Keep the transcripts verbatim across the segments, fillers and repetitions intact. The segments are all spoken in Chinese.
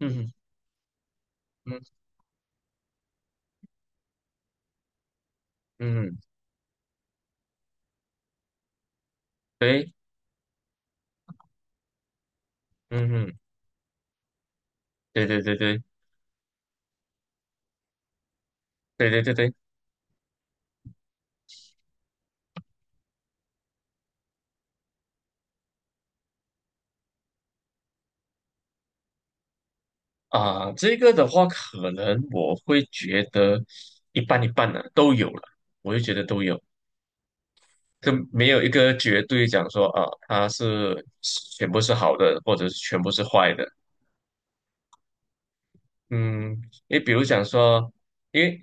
嗯嗯嗯嗯，对，嗯嗯，对对对对对对对对啊，这个的话，可能我会觉得一半一半的、都有了，我就觉得都有，就没有一个绝对讲说啊，它是全部是好的，或者是全部是坏的。嗯，你比如讲说，因为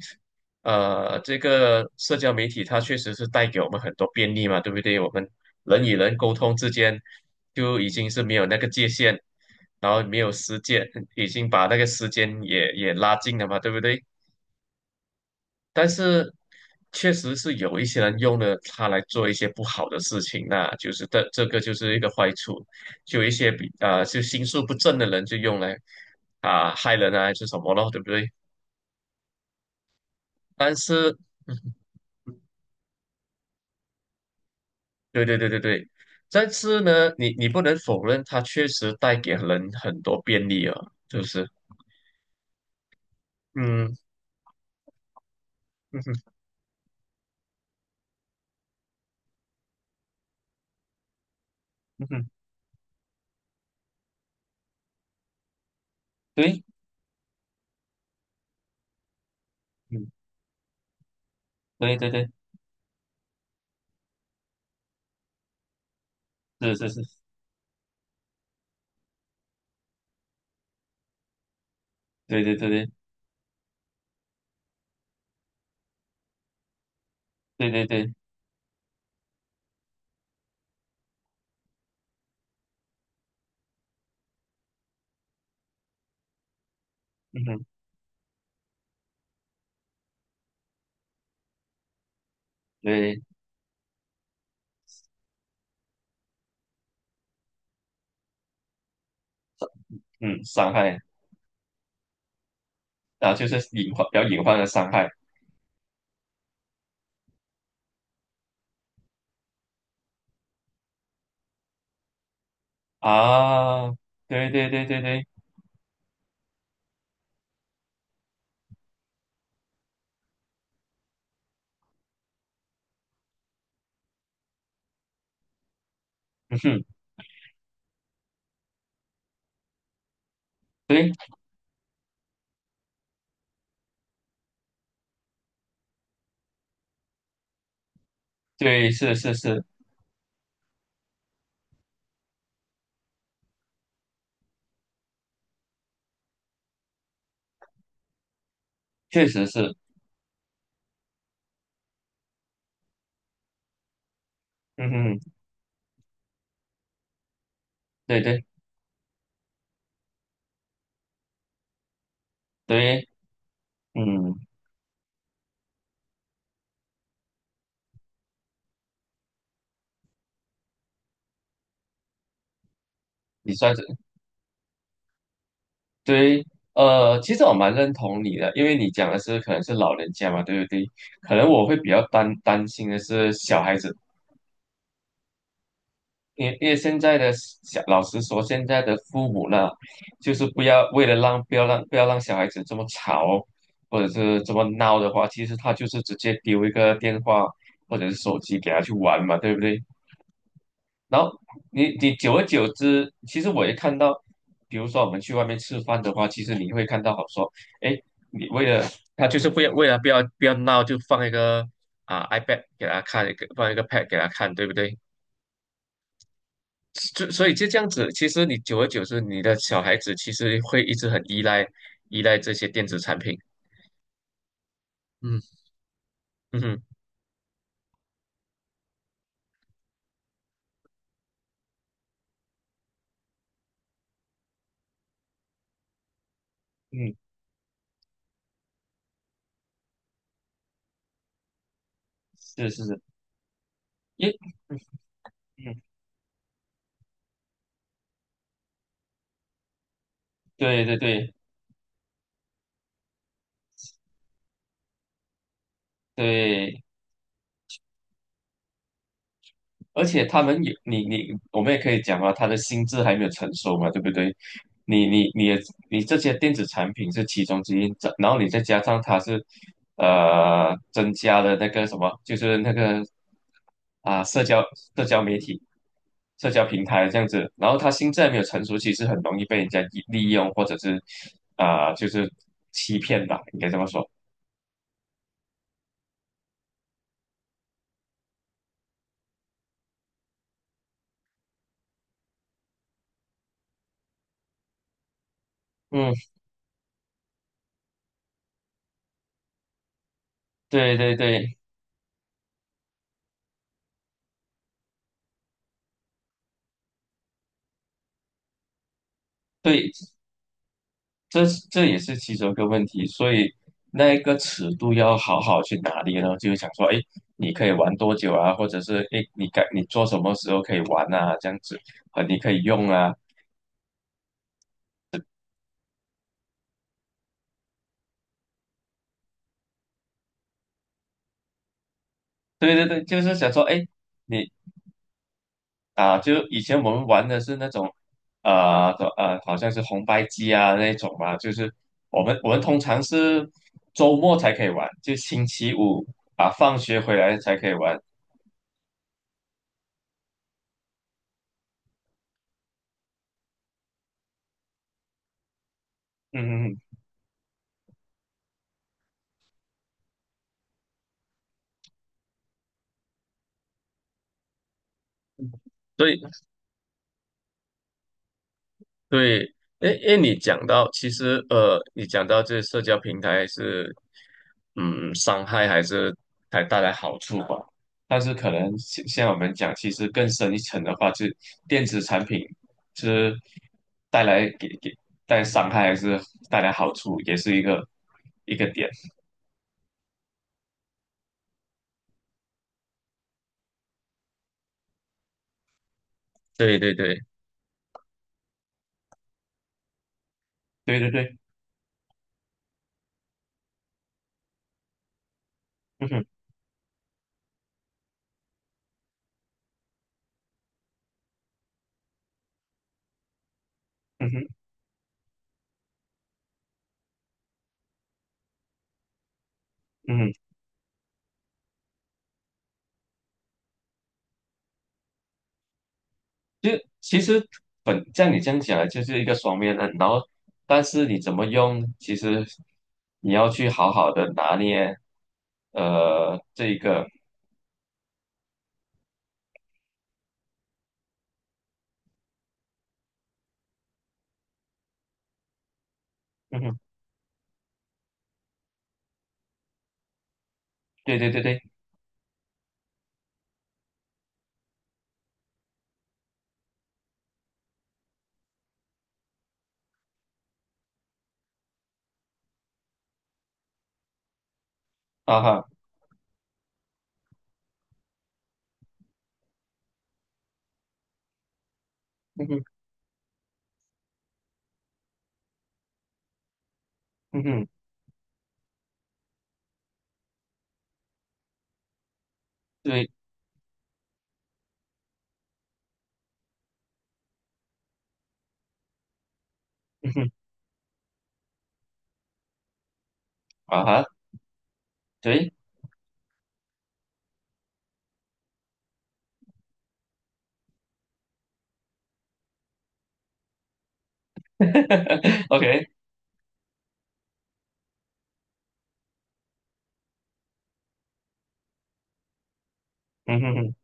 呃，这个社交媒体它确实是带给我们很多便利嘛，对不对？我们人与人沟通之间就已经是没有那个界限，然后没有时间，已经把那个时间也也拉近了嘛，对不对？但是确实是有一些人用了它来做一些不好的事情，那就是这这个就是一个坏处，就有一些比啊、就心术不正的人就用来啊、害人啊，还是什么咯，对不对？但是，对对对对对，但是呢，你你不能否认，它确实带给人很多便利啊，就是，嗯嗯哼嗯哼，对，嗯，对对对，是是是，对对对对对对对，嗯哼，对，嗯，伤害啊，就是隐患，比较隐患的伤害啊，对对对对对，嗯哼，对对是是是，确实是，嗯哼，对对对，嗯，你算是。对，呃，其实我蛮认同你的，因为你讲的是可能是老人家嘛，对不对？可能我会比较担担心的是小孩子，因为因为现在的小，老实说，现在的父母呢，就是不要为了让不要让不要让小孩子这么吵，或者是这么闹的话，其实他就是直接丢一个电话或者是手机给他去玩嘛，对不对？然后你你久而久之，其实我也看到，比如说我们去外面吃饭的话，其实你会看到好说，哎，你为了他就是不要为了不要不要闹，就放一个啊 iPad 给他看，一个放一个 Pad 给他看，对不对？就所以就这样子，其实你久而久之，你的小孩子其实会一直很依赖依赖这些电子产品。嗯嗯哼嗯，是是是，因嗯，对对对对。而且他们也，你你，我们也可以讲啊，他的心智还没有成熟嘛，对不对？你你你也你这些电子产品是其中之一，这然后你再加上它是，呃，增加了那个什么，就是那个啊，社交社交媒体、社交平台这样子，然后他心智还没有成熟，其实很容易被人家利利用，或者是啊、就是欺骗吧，应该这么说。嗯，对对对对，这这也是其中一个问题，所以那一个尺度要好好去拿捏呢，就是想说，哎，你可以玩多久啊，或者是哎，诶你该你做什么时候可以玩啊，这样子，啊，你可以用啊，对对对，就是想说，哎，你啊，就以前我们玩的是那种，呃的呃，好像是红白机啊那种嘛，就是我们我们通常是周末才可以玩，就星期五啊，放学回来才可以玩，嗯，嗯嗯，对，诶诶，你讲到其实呃，你讲到这社交平台是，嗯，伤害还是还带来好处吧？但是可能像像我们讲，其实更深一层的话，就电子产品是带来给给带来伤害还是带来好处，也是一个一个点。对对对，对对对，嗯哼，嗯哼，嗯哼。就其实本像你这样讲的，就是一个双面刃。然后，但是你怎么用，其实你要去好好的拿捏，呃，这一个，嗯哼，对对对对，啊哈，嗯哼，嗯哼，对，嗯哼，啊哈，对 ，OK，嗯哼哼，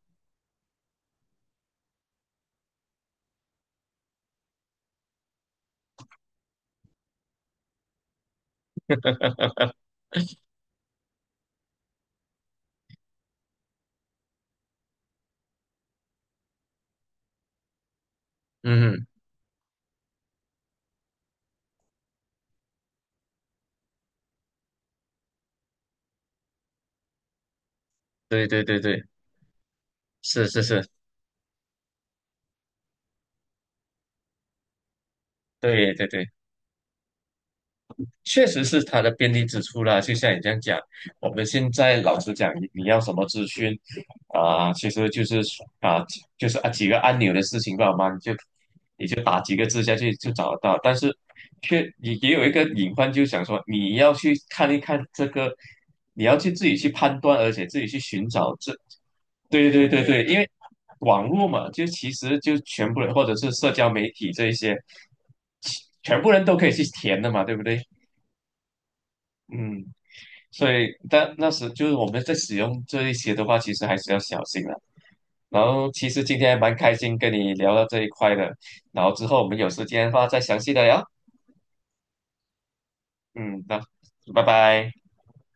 嗯哼，对对对对，是是是，对对对。确实是它的便利之处啦，就像你这样讲，我们现在老实讲，你你要什么资讯啊、其实就是啊、就是啊几个按钮的事情吧嘛，你就你就打几个字下去就找得到。但是却也也有一个隐患，就想说你要去看一看这个，你要去自己去判断，而且自己去寻找这，对对对对，因为网络嘛，就其实就全部人或者是社交媒体这一些，其全部人都可以去填的嘛，对不对？嗯。所以，但那时就是我们在使用这一些的话，其实还是要小心的。然后，其实今天还蛮开心跟你聊到这一块的。然后之后我们有时间的话再详细的聊。嗯，那拜拜。